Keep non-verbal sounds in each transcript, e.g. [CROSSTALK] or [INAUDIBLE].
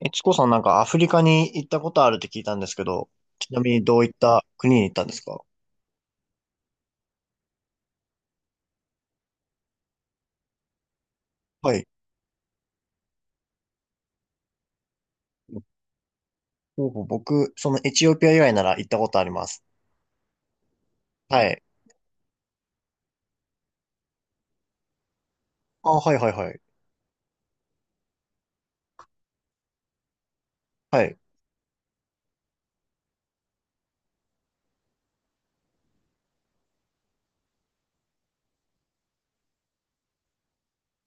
チコさんなんかアフリカに行ったことあるって聞いたんですけど、ちなみにどういった国に行ったんですか？はい。ほうほう僕、そのエチオピア以外なら行ったことあります。はい。あ、はいはいはい。はい。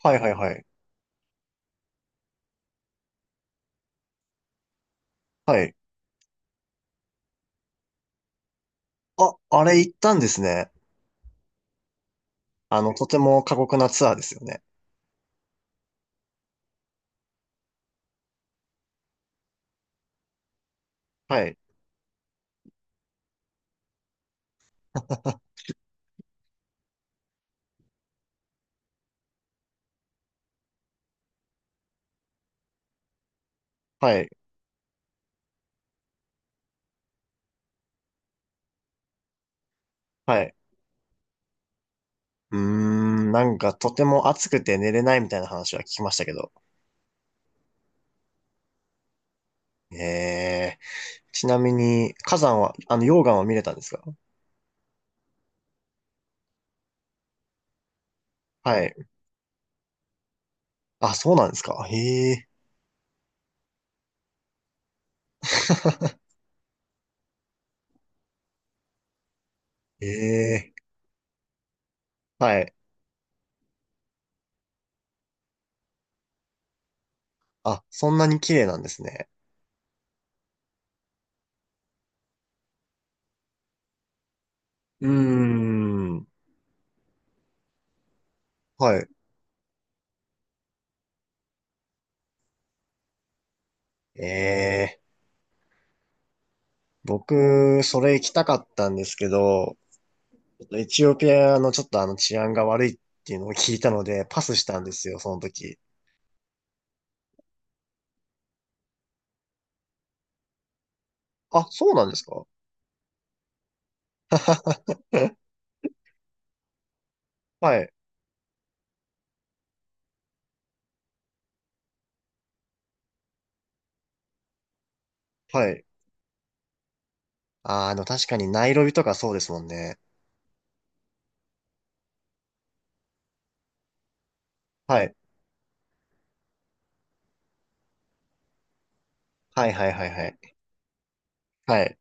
はいはいはい。はい。あ、あれ行ったんですね。とても過酷なツアーですよね。はい。[LAUGHS] はい。はい。なんかとても暑くて寝れないみたいな話は聞きましたけど。ええ。ちなみに、火山は、溶岩は見れたんですか？はい。あ、そうなんですか。へえ。[LAUGHS] ええ、はい。あ、そんなに綺麗なんですね。うーん。はい。ええ、僕、それ行きたかったんですけど、エチオピアのちょっと治安が悪いっていうのを聞いたので、パスしたんですよ、その時。あ、そうなんですか？ [LAUGHS] はい。はい。あー、確かにナイロビとかそうですもんね。はい。はいはいはいはい。はい。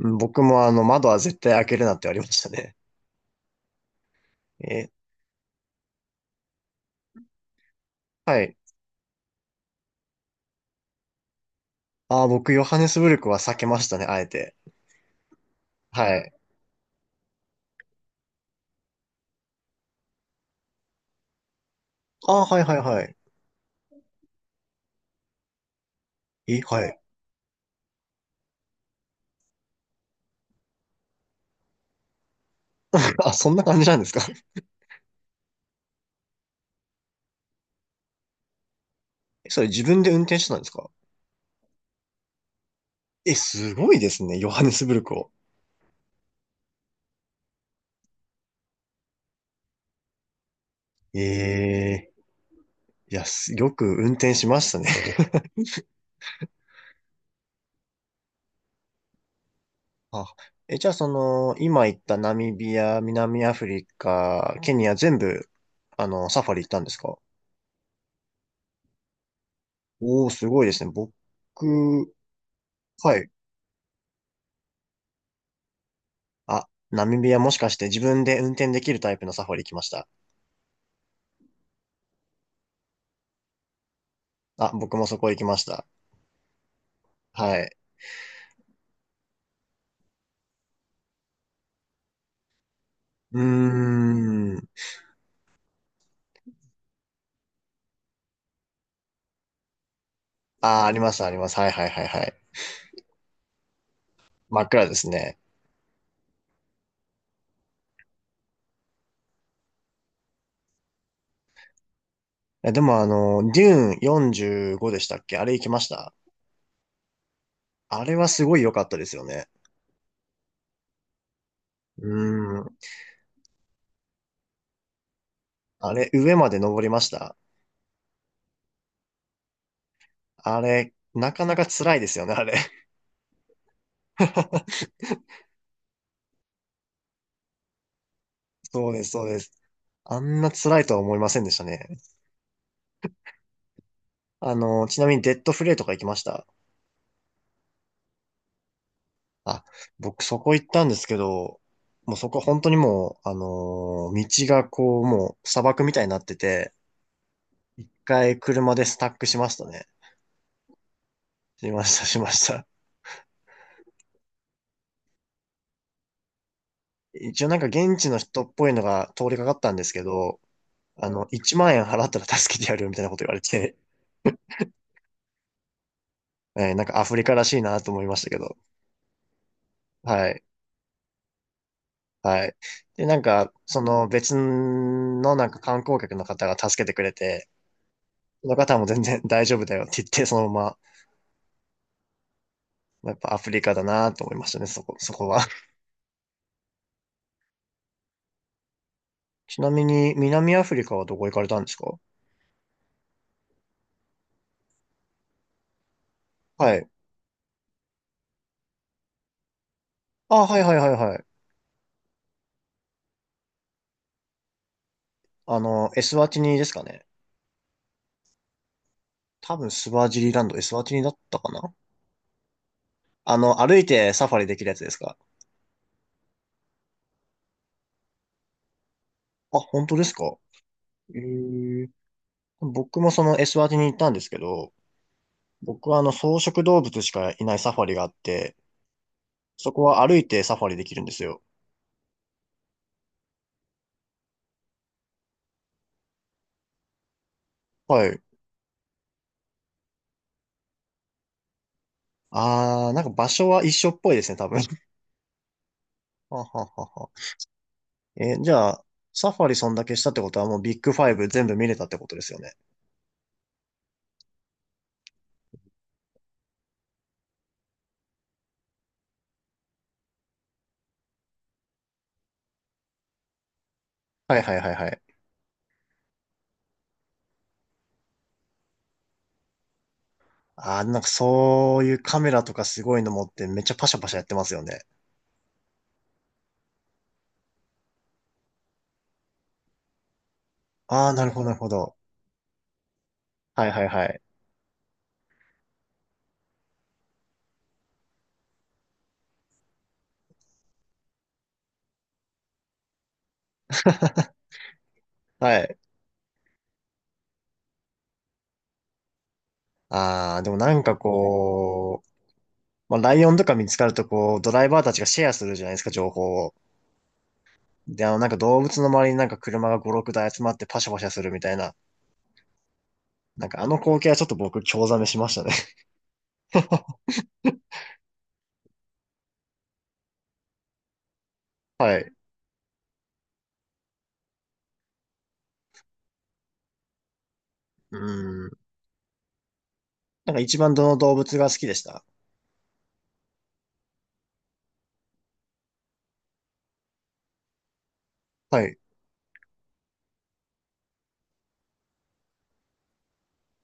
うん、僕も窓は絶対開けるなって言われましたね。えはい。あー、僕、ヨハネスブルクは避けましたね、あえて。はい。ああ、はいはいはい。はい。[LAUGHS] あ、そんな感じなんですか？ [LAUGHS] それ自分で運転してたんですか？え、すごいですね。ヨハネスブルクを。ええ、いや、[LAUGHS] よく運転しましたね。[LAUGHS] あ、じゃあその、今言ったナミビア、南アフリカ、ケニア全部、サファリ行ったんですか？おー、すごいですね。僕、はい。あ、ナミビアもしかして自分で運転できるタイプのサファリ行きました？あ、僕もそこ行きました。はい。うーん。ああ、あります、あります。はいはいはいはい。真っ暗ですね。でもデューン45でしたっけ？あれ行きました？あれはすごい良かったですよね。うーん。あれ、上まで登りました？あれ、なかなか辛いですよね、あれ。[LAUGHS] そうです、そうです。あんな辛いとは思いませんでしたね。ちなみにデッドフレイとか行きました？あ、僕そこ行ったんですけど、もうそこ本当にもう、道がこう、もう砂漠みたいになってて、一回車でスタックしましたね。しました、しました。一応なんか現地の人っぽいのが通りかかったんですけど、1万円払ったら助けてやるよみたいなこと言われて、[LAUGHS] なんかアフリカらしいなと思いましたけど。はい。はい。で、なんか、その別のなんか観光客の方が助けてくれて、その方も全然大丈夫だよって言って、そのまま、まあやっぱアフリカだなと思いましたね、そこは。[LAUGHS] ちなみに、南アフリカはどこ行かれたんですか？はい。あ、はいはいはいはい。エスワティニですかね。多分スワジリランド、エスワティニだったかな？歩いてサファリできるやつですか？あ、本当ですか？えー、僕もそのエスワティニ行ったんですけど、僕は草食動物しかいないサファリがあって、そこは歩いてサファリできるんですよ。はい。あー、なんか場所は一緒っぽいですね、多分。[LAUGHS] はははは。じゃあ、サファリそんだけしたってことはもうビッグファイブ全部見れたってことですよね。はいはいはいはい。あー、なんかそういうカメラとかすごいの持ってめっちゃパシャパシャやってますよね。ああ、なるほど、なるほど。はいはいはい。はい。ああ、でもなんかこう、まあ、ライオンとか見つかるとこう、ドライバーたちがシェアするじゃないですか、情報を。で、なんか動物の周りになんか車が5、6台集まってパシャパシャするみたいな。なんかあの光景はちょっと僕、興ざめしましたね。[LAUGHS] はい。うん。なんか一番どの動物が好きでした？はい。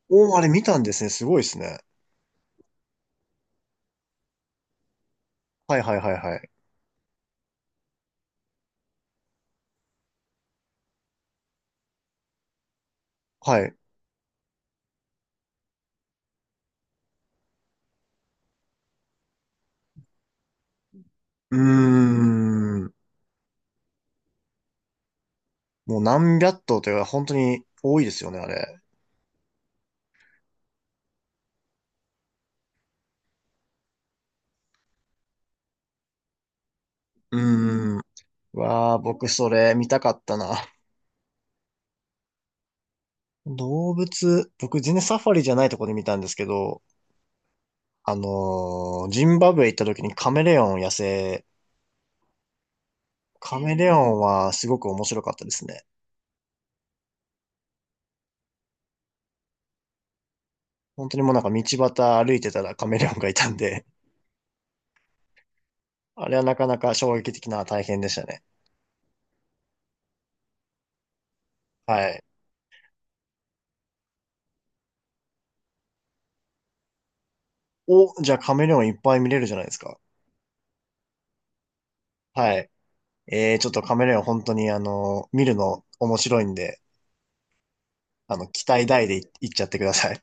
おー、あれ見たんですね。すごいですね。はいはいはいはい。はい。うーん。もう何百頭というか、本当に多いですよね、あれ。うーん。わあ、僕それ見たかったな。動物、僕全然サファリじゃないとこで見たんですけど、ジンバブエ行った時にカメレオン野生、カメレオンはすごく面白かったですね。本当にもうなんか道端歩いてたらカメレオンがいたんで、あれはなかなか衝撃的な体験でしたね。はい。お、じゃあカメレオンいっぱい見れるじゃないですか。はい。ちょっとカメレオン本当に見るの面白いんで、期待大で行っちゃってください。